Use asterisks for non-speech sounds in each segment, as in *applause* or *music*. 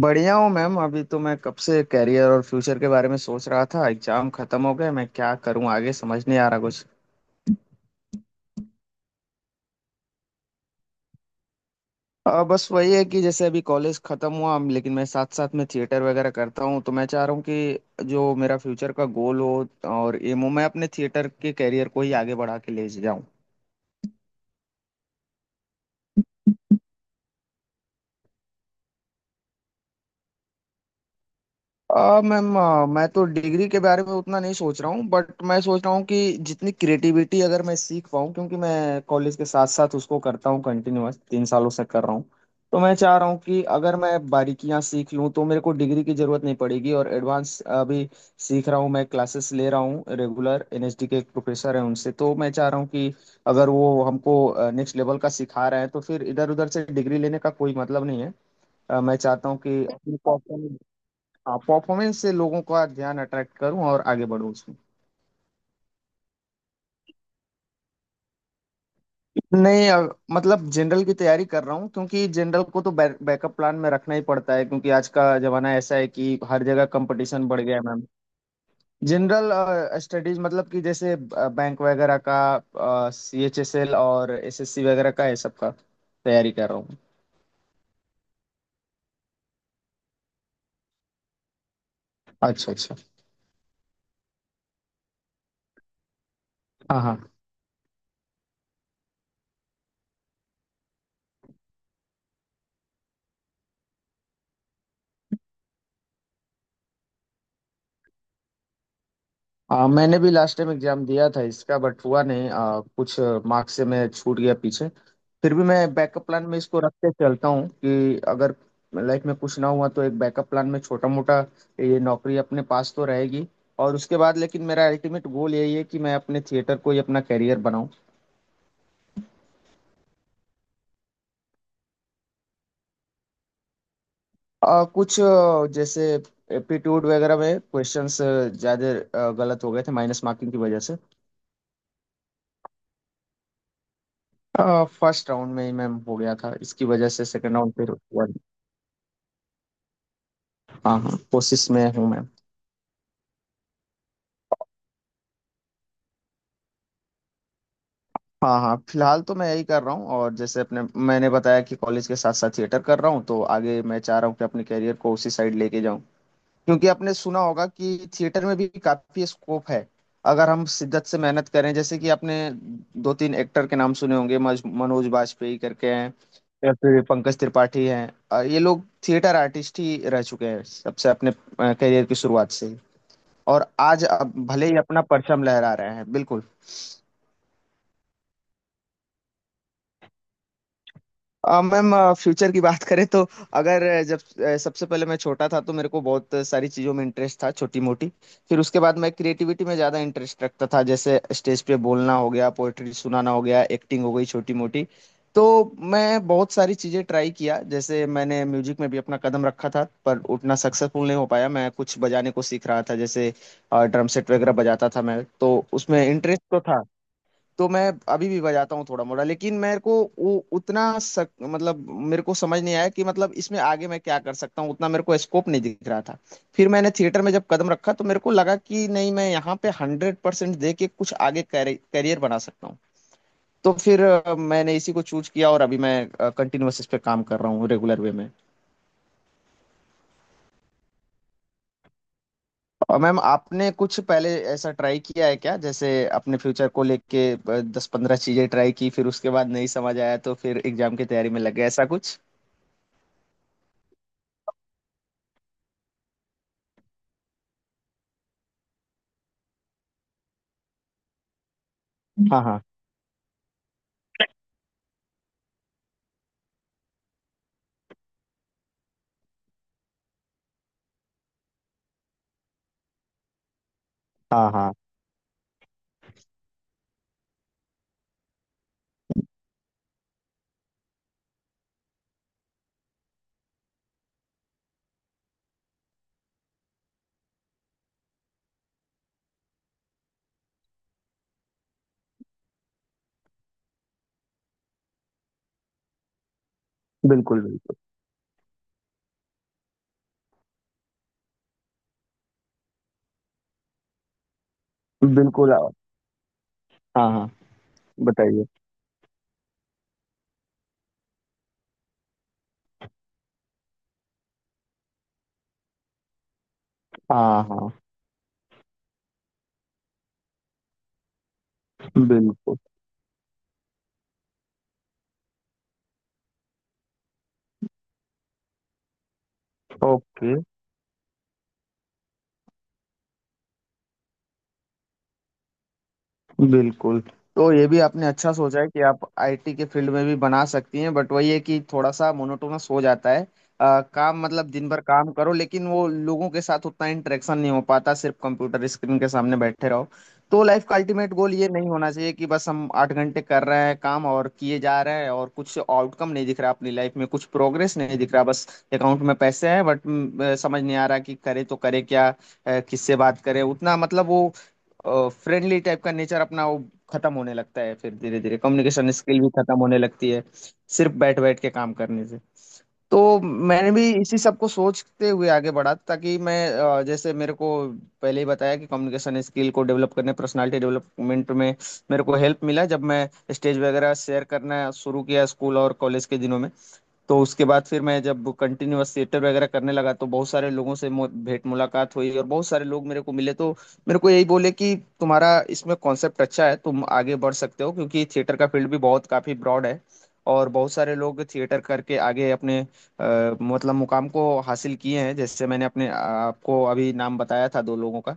बढ़िया हूँ मैम। अभी तो मैं कब से करियर और फ्यूचर के बारे में सोच रहा था। एग्जाम खत्म हो गए, मैं क्या करूँ आगे समझ नहीं आ रहा कुछ। बस वही है कि जैसे अभी कॉलेज खत्म हुआ लेकिन मैं साथ साथ में थिएटर वगैरह करता हूँ, तो मैं चाह रहा हूँ कि जो मेरा फ्यूचर का गोल हो और एम हो, मैं अपने थिएटर के करियर को ही आगे बढ़ा के ले जाऊँ। मैम, मैं तो डिग्री के बारे में उतना नहीं सोच रहा हूँ बट मैं सोच रहा हूँ कि जितनी क्रिएटिविटी अगर मैं सीख पाऊँ, क्योंकि मैं कॉलेज के साथ साथ उसको करता हूँ, कंटिन्यूअस 3 सालों से कर रहा हूँ। तो मैं चाह रहा हूँ कि अगर मैं बारीकियाँ सीख लूँ तो मेरे को डिग्री की जरूरत नहीं पड़ेगी। और एडवांस अभी सीख रहा हूँ, मैं क्लासेस ले रहा हूँ रेगुलर। एनएसडी के एक प्रोफेसर हैं उनसे, तो मैं चाह रहा हूँ कि अगर वो हमको नेक्स्ट लेवल का सिखा रहे हैं तो फिर इधर उधर से डिग्री लेने का कोई मतलब नहीं है। मैं चाहता हूँ कि परफॉर्मेंस से लोगों का ध्यान अट्रैक्ट करूं और आगे बढ़ूं उसमें। नहीं, अब मतलब जनरल की तैयारी कर रहा हूँ, क्योंकि जनरल को तो बैकअप प्लान में रखना ही पड़ता है, क्योंकि आज का जमाना ऐसा है कि हर जगह कंपटीशन बढ़ गया है मैम। जनरल स्टडीज, मतलब कि जैसे बैंक वगैरह का, सीएचएसएल और एसएससी वगैरह का है, सबका तैयारी कर रहा हूँ। अच्छा अच्छा। हाँ हाँ। मैंने भी लास्ट टाइम एग्जाम दिया था इसका, बट हुआ नहीं। कुछ मार्क्स से मैं छूट गया पीछे। फिर भी मैं बैकअप प्लान में इसको रख के चलता हूँ कि अगर लाइफ में कुछ ना हुआ तो एक बैकअप प्लान में छोटा मोटा ये नौकरी अपने पास तो रहेगी। और उसके बाद लेकिन मेरा अल्टीमेट गोल यही है कि मैं अपने थिएटर को ही अपना करियर बनाऊँ। कुछ जैसे एप्टीट्यूड वगैरह में क्वेश्चंस ज़्यादा गलत हो गए थे माइनस मार्किंग की वजह से। फर्स्ट राउंड में ही मैम हो गया था, इसकी वजह से सेकंड राउंड फिर। हाँ हाँ, कोशिश में हूँ मैम। हाँ हाँ, फिलहाल तो मैं यही कर रहा हूँ और जैसे अपने मैंने बताया कि कॉलेज के साथ साथ थिएटर कर रहा हूँ, तो आगे मैं चाह रहा हूँ कि अपने करियर को उसी साइड लेके जाऊँ। क्योंकि आपने सुना होगा कि थिएटर में भी काफी स्कोप है अगर हम शिद्दत से मेहनत करें, जैसे कि आपने 2-3 एक्टर के नाम सुने होंगे, मनोज बाजपेयी करके हैं या फिर पंकज त्रिपाठी हैं। ये लोग थिएटर आर्टिस्ट ही रह चुके हैं सबसे अपने करियर की शुरुआत से ही। और आज अब भले ही अपना परचम लहरा रहे हैं बिल्कुल। मैम, फ्यूचर की बात करें तो अगर जब सबसे पहले मैं छोटा था तो मेरे को बहुत सारी चीज़ों में इंटरेस्ट था छोटी मोटी। फिर उसके बाद मैं क्रिएटिविटी में ज़्यादा इंटरेस्ट रखता था, जैसे स्टेज पे बोलना हो गया, पोएट्री सुनाना हो गया, एक्टिंग हो गई छोटी मोटी। तो मैं बहुत सारी चीज़ें ट्राई किया, जैसे मैंने म्यूजिक में भी अपना कदम रखा था पर उतना सक्सेसफुल नहीं हो पाया मैं। कुछ बजाने को सीख रहा था, जैसे ड्रम सेट वगैरह बजाता था मैं तो। उसमें इंटरेस्ट तो था। तो मैं अभी भी बजाता हूँ थोड़ा मोड़ा, लेकिन मेरे को वो उतना मतलब मेरे को समझ नहीं आया कि मतलब इसमें आगे मैं क्या कर सकता हूँ, उतना मेरे को स्कोप नहीं दिख रहा था। फिर मैंने थिएटर में जब कदम रखा तो मेरे को लगा कि नहीं, मैं यहाँ पे 100% दे के कुछ आगे करियर बना सकता हूँ। तो फिर मैंने इसी को चूज किया और अभी मैं कंटिन्यूअस इस पे काम कर रहा हूँ रेगुलर वे में। और मैम आपने कुछ पहले ऐसा ट्राई किया है क्या, जैसे अपने फ्यूचर को लेके 10-15 चीजें ट्राई की फिर उसके बाद नहीं समझ आया तो फिर एग्जाम की तैयारी में लग गए, ऐसा कुछ? हाँ हाँ। हाँ हाँ। बिल्कुल बिल्कुल बिल्कुल। हाँ हाँ, बताइए। हाँ हाँ बिल्कुल। ओके। बिल्कुल। तो ये भी आपने अच्छा सोचा है कि आप आईटी के फील्ड में भी बना सकती हैं, बट वही है कि थोड़ा सा मोनोटोनस हो जाता है। काम मतलब दिन भर काम करो, लेकिन वो लोगों के साथ उतना इंटरेक्शन नहीं हो पाता, सिर्फ कंप्यूटर स्क्रीन के सामने बैठे रहो। तो लाइफ का अल्टीमेट गोल ये नहीं होना चाहिए कि बस हम 8 घंटे कर रहे हैं काम और किए जा रहे हैं, और कुछ आउटकम नहीं दिख रहा, अपनी लाइफ में कुछ प्रोग्रेस नहीं दिख रहा, बस अकाउंट में पैसे हैं बट समझ नहीं आ रहा कि करें तो करें क्या। किससे बात करें उतना, मतलब वो फ्रेंडली टाइप का नेचर अपना वो खत्म होने लगता है, फिर धीरे धीरे कम्युनिकेशन स्किल भी खत्म होने लगती है सिर्फ बैठ बैठ के काम करने से। तो मैंने भी इसी सब को सोचते हुए आगे बढ़ा ताकि मैं जैसे मेरे को पहले ही बताया कि कम्युनिकेशन स्किल को डेवलप करने, पर्सनालिटी डेवलपमेंट में मेरे को हेल्प मिला जब मैं स्टेज वगैरह शेयर करना शुरू किया स्कूल और कॉलेज के दिनों में। तो उसके बाद फिर मैं जब कंटिन्यूअस थिएटर वगैरह करने लगा तो बहुत सारे लोगों से भेंट मुलाकात हुई और बहुत सारे लोग मेरे को मिले, तो मेरे को यही बोले कि तुम्हारा इसमें कॉन्सेप्ट अच्छा है, तुम आगे बढ़ सकते हो, क्योंकि थिएटर का फील्ड भी बहुत काफी ब्रॉड है। और बहुत सारे लोग थिएटर करके आगे अपने मतलब मुकाम को हासिल किए हैं, जैसे मैंने अपने आपको अभी नाम बताया था 2 लोगों का।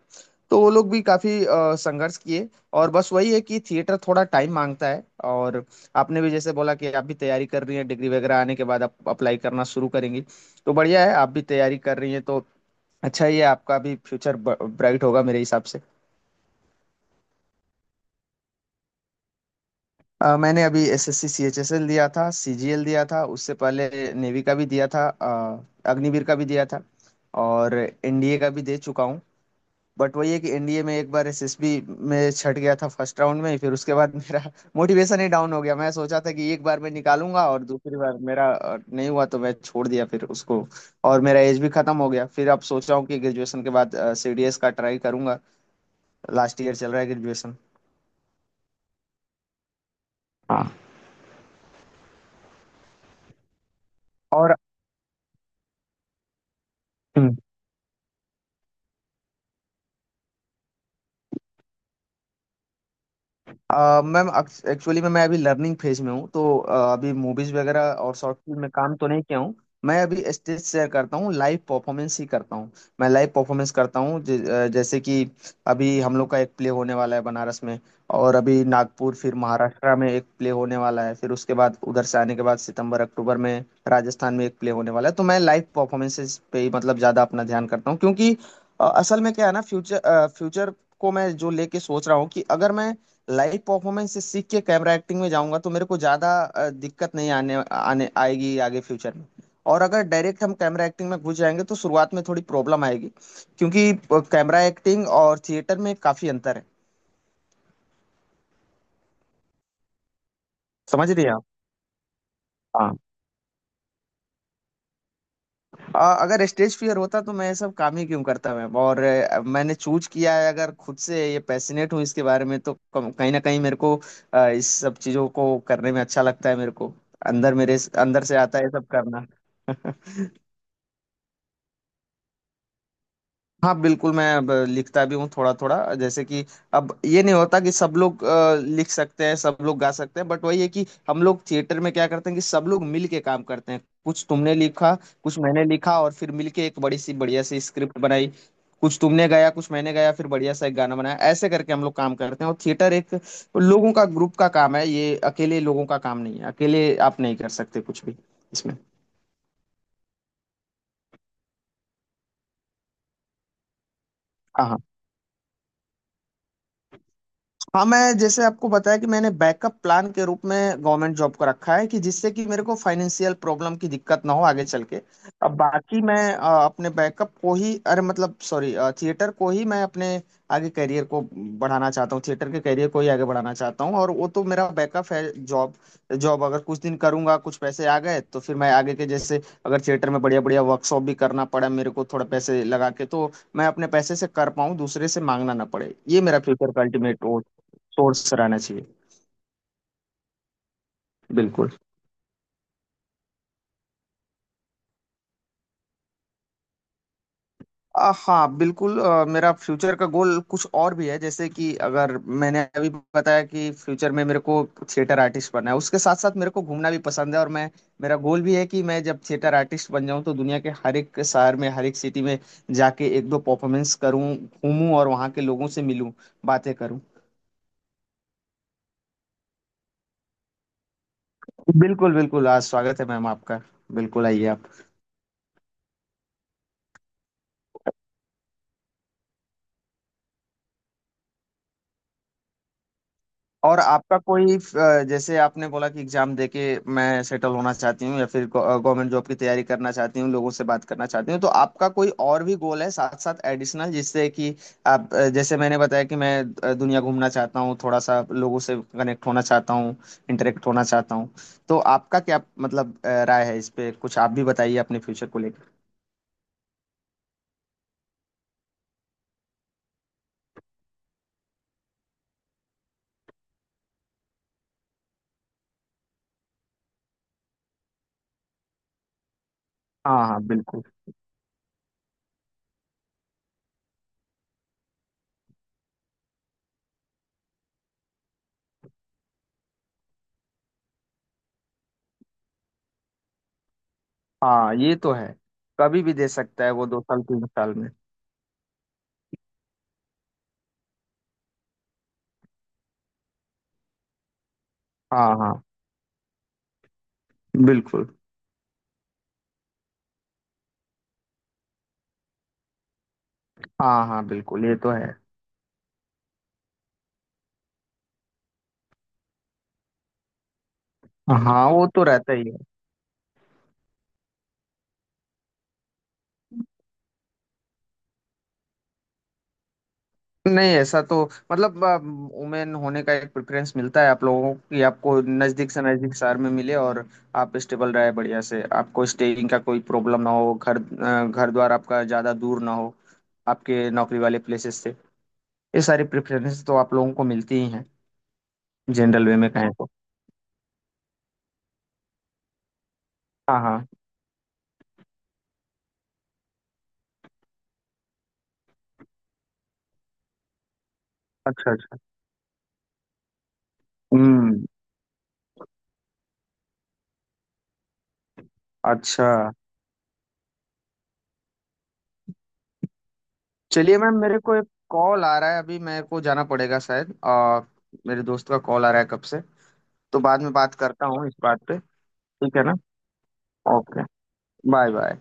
तो वो लोग भी काफी संघर्ष किए। और बस वही है कि थिएटर थोड़ा टाइम मांगता है। और आपने भी जैसे बोला कि आप भी तैयारी कर रही हैं, डिग्री वगैरह आने के बाद आप अप्लाई करना शुरू करेंगी, तो बढ़िया है, आप भी तैयारी कर रही हैं तो अच्छा ही है, आपका भी फ्यूचर ब्राइट होगा मेरे हिसाब से। मैंने अभी एसएससी सीएचएसएल दिया था, सीजीएल दिया था उससे पहले, नेवी का भी दिया था, अग्निवीर का भी दिया था, और एनडीए का भी दे चुका हूँ। बट वही है कि एनडीए में 1 बार एसएसबी में छट गया था फर्स्ट राउंड में ही, फिर उसके बाद मेरा मोटिवेशन ही डाउन हो गया। मैं सोचा था कि 1 बार मैं निकालूंगा, और दूसरी बार मेरा नहीं हुआ तो मैं छोड़ दिया फिर उसको। और मेरा एज भी खत्म हो गया फिर, अब सोचा हूँ कि ग्रेजुएशन के बाद सीडीएस का ट्राई करूंगा। लास्ट ईयर चल रहा है ग्रेजुएशन। हाँ। और। हम्म। मैम, एक्चुअली में मैं अभी लर्निंग फेज में हूँ, तो अभी मूवीज वगैरह और शॉर्ट फिल्म में काम तो नहीं किया हूँ। मैं अभी स्टेज शेयर करता हूँ, लाइव परफॉर्मेंस ही करता हूँ। मैं लाइव परफॉर्मेंस करता हूँ जैसे कि अभी हम लोग का 1 प्ले होने वाला है बनारस में। और अभी नागपुर, फिर महाराष्ट्र में 1 प्ले होने वाला है। फिर उसके बाद उधर से आने के बाद सितंबर अक्टूबर में राजस्थान में 1 प्ले होने वाला है। तो मैं लाइव परफॉर्मेंसेस पे ही मतलब ज़्यादा अपना ध्यान करता हूँ, क्योंकि असल में क्या है ना, फ्यूचर फ्यूचर को मैं जो लेके सोच रहा हूँ कि अगर मैं लाइव परफॉर्मेंस से सीख के कैमरा एक्टिंग में जाऊंगा तो मेरे को ज्यादा दिक्कत नहीं आने आने आएगी आगे फ्यूचर में। और अगर डायरेक्ट हम कैमरा एक्टिंग में घुस जाएंगे तो शुरुआत में थोड़ी प्रॉब्लम आएगी, क्योंकि कैमरा एक्टिंग और थिएटर में काफी अंतर है। समझ रही हैं आप? हाँ। अगर स्टेज फियर होता तो मैं ये सब काम ही क्यों करता मैं? और मैंने चूज किया है, अगर खुद से ये पैसिनेट हूँ इसके बारे में, तो कहीं ना कहीं मेरे को इस सब चीजों को करने में अच्छा लगता है मेरे को, अंदर मेरे अंदर से आता है ये सब करना। *laughs* हाँ बिल्कुल, मैं अब लिखता भी हूँ थोड़ा थोड़ा, जैसे कि अब ये नहीं होता कि सब लोग लिख सकते हैं, सब लोग गा सकते हैं, बट वही है कि हम लोग थिएटर में क्या करते हैं कि सब लोग मिल के काम करते हैं। कुछ तुमने लिखा, कुछ मैंने लिखा, और फिर मिल के एक बड़ी सी बढ़िया सी स्क्रिप्ट बनाई। कुछ तुमने गाया, कुछ मैंने गाया, फिर बढ़िया सा एक गाना बनाया। ऐसे करके हम लोग काम करते हैं। और थिएटर एक लोगों का ग्रुप का काम है, ये अकेले लोगों का काम नहीं है, अकेले आप नहीं कर सकते कुछ भी इसमें। हाँ हाँ। मैं जैसे आपको बताया कि मैंने बैकअप प्लान के रूप में गवर्नमेंट जॉब को रखा है कि जिससे कि मेरे को फाइनेंशियल प्रॉब्लम की दिक्कत ना हो आगे चल के। अब बाकी मैं अपने बैकअप को ही, अरे मतलब सॉरी, थिएटर को ही मैं अपने आगे करियर को बढ़ाना चाहता हूँ, थिएटर के करियर को ही आगे बढ़ाना चाहता हूँ। और वो तो मेरा बैकअप है, जॉब। जॉब अगर कुछ दिन करूंगा, कुछ पैसे आ गए, तो फिर मैं आगे के, जैसे अगर थिएटर में बढ़िया बढ़िया वर्कशॉप भी करना पड़ा मेरे को थोड़ा पैसे लगा के, तो मैं अपने पैसे से कर पाऊँ, दूसरे से मांगना ना पड़े, ये मेरा फ्यूचर का अल्टीमेट सोर्स रहना चाहिए। बिल्कुल। हाँ बिल्कुल। मेरा फ्यूचर का गोल कुछ और भी है, जैसे कि अगर मैंने अभी बताया कि फ्यूचर में मेरे को थिएटर आर्टिस्ट बनना है, उसके साथ साथ मेरे को घूमना भी पसंद है। और मैं, मेरा गोल भी है कि मैं जब थिएटर आर्टिस्ट बन जाऊं तो दुनिया के हर 1 शहर में हर 1 सिटी में जाके 1-2 परफॉर्मेंस करूं, घूमूं और वहाँ के लोगों से मिलूं, बातें करूं। बिल्कुल बिल्कुल, आज स्वागत है मैम आपका, बिल्कुल आइए आप। और आपका कोई जैसे आपने बोला कि एग्जाम देके मैं सेटल होना चाहती हूँ, या फिर गवर्नमेंट जॉब की तैयारी करना चाहती हूँ, लोगों से बात करना चाहती हूँ, तो आपका कोई और भी गोल है साथ साथ एडिशनल, जिससे कि आप जैसे मैंने बताया कि मैं दुनिया घूमना चाहता हूँ, थोड़ा सा लोगों से कनेक्ट होना चाहता हूँ, इंटरेक्ट होना चाहता हूँ। तो आपका क्या मतलब राय है इस पे? कुछ आप भी बताइए अपने फ्यूचर को लेकर। हाँ हाँ बिल्कुल। हाँ ये तो है, कभी भी दे सकता है वो 2 साल 3 साल में। हाँ हाँ बिल्कुल। हाँ हाँ बिल्कुल, ये तो है। हाँ वो तो रहता ही है। नहीं ऐसा तो, मतलब वुमेन होने का 1 प्रेफरेंस मिलता है आप लोगों को कि आपको नजदीक से नजदीक शहर में मिले, और आप स्टेबल रहे बढ़िया से, आपको स्टेइंग का कोई प्रॉब्लम ना हो, घर घर द्वार आपका ज्यादा दूर ना हो आपके नौकरी वाले प्लेसेस से। ये सारी प्रेफरेंस तो आप लोगों को मिलती ही हैं जनरल वे में कहें तो। हाँ हाँ। अच्छा अच्छा। हम्म। अच्छा। चलिए मैम, मेरे को 1 कॉल आ रहा है, अभी मेरे को जाना पड़ेगा शायद। मेरे दोस्त का कॉल आ रहा है कब से। तो बाद में बात करता हूँ इस बात पे। ठीक है ना? ओके। Bye bye.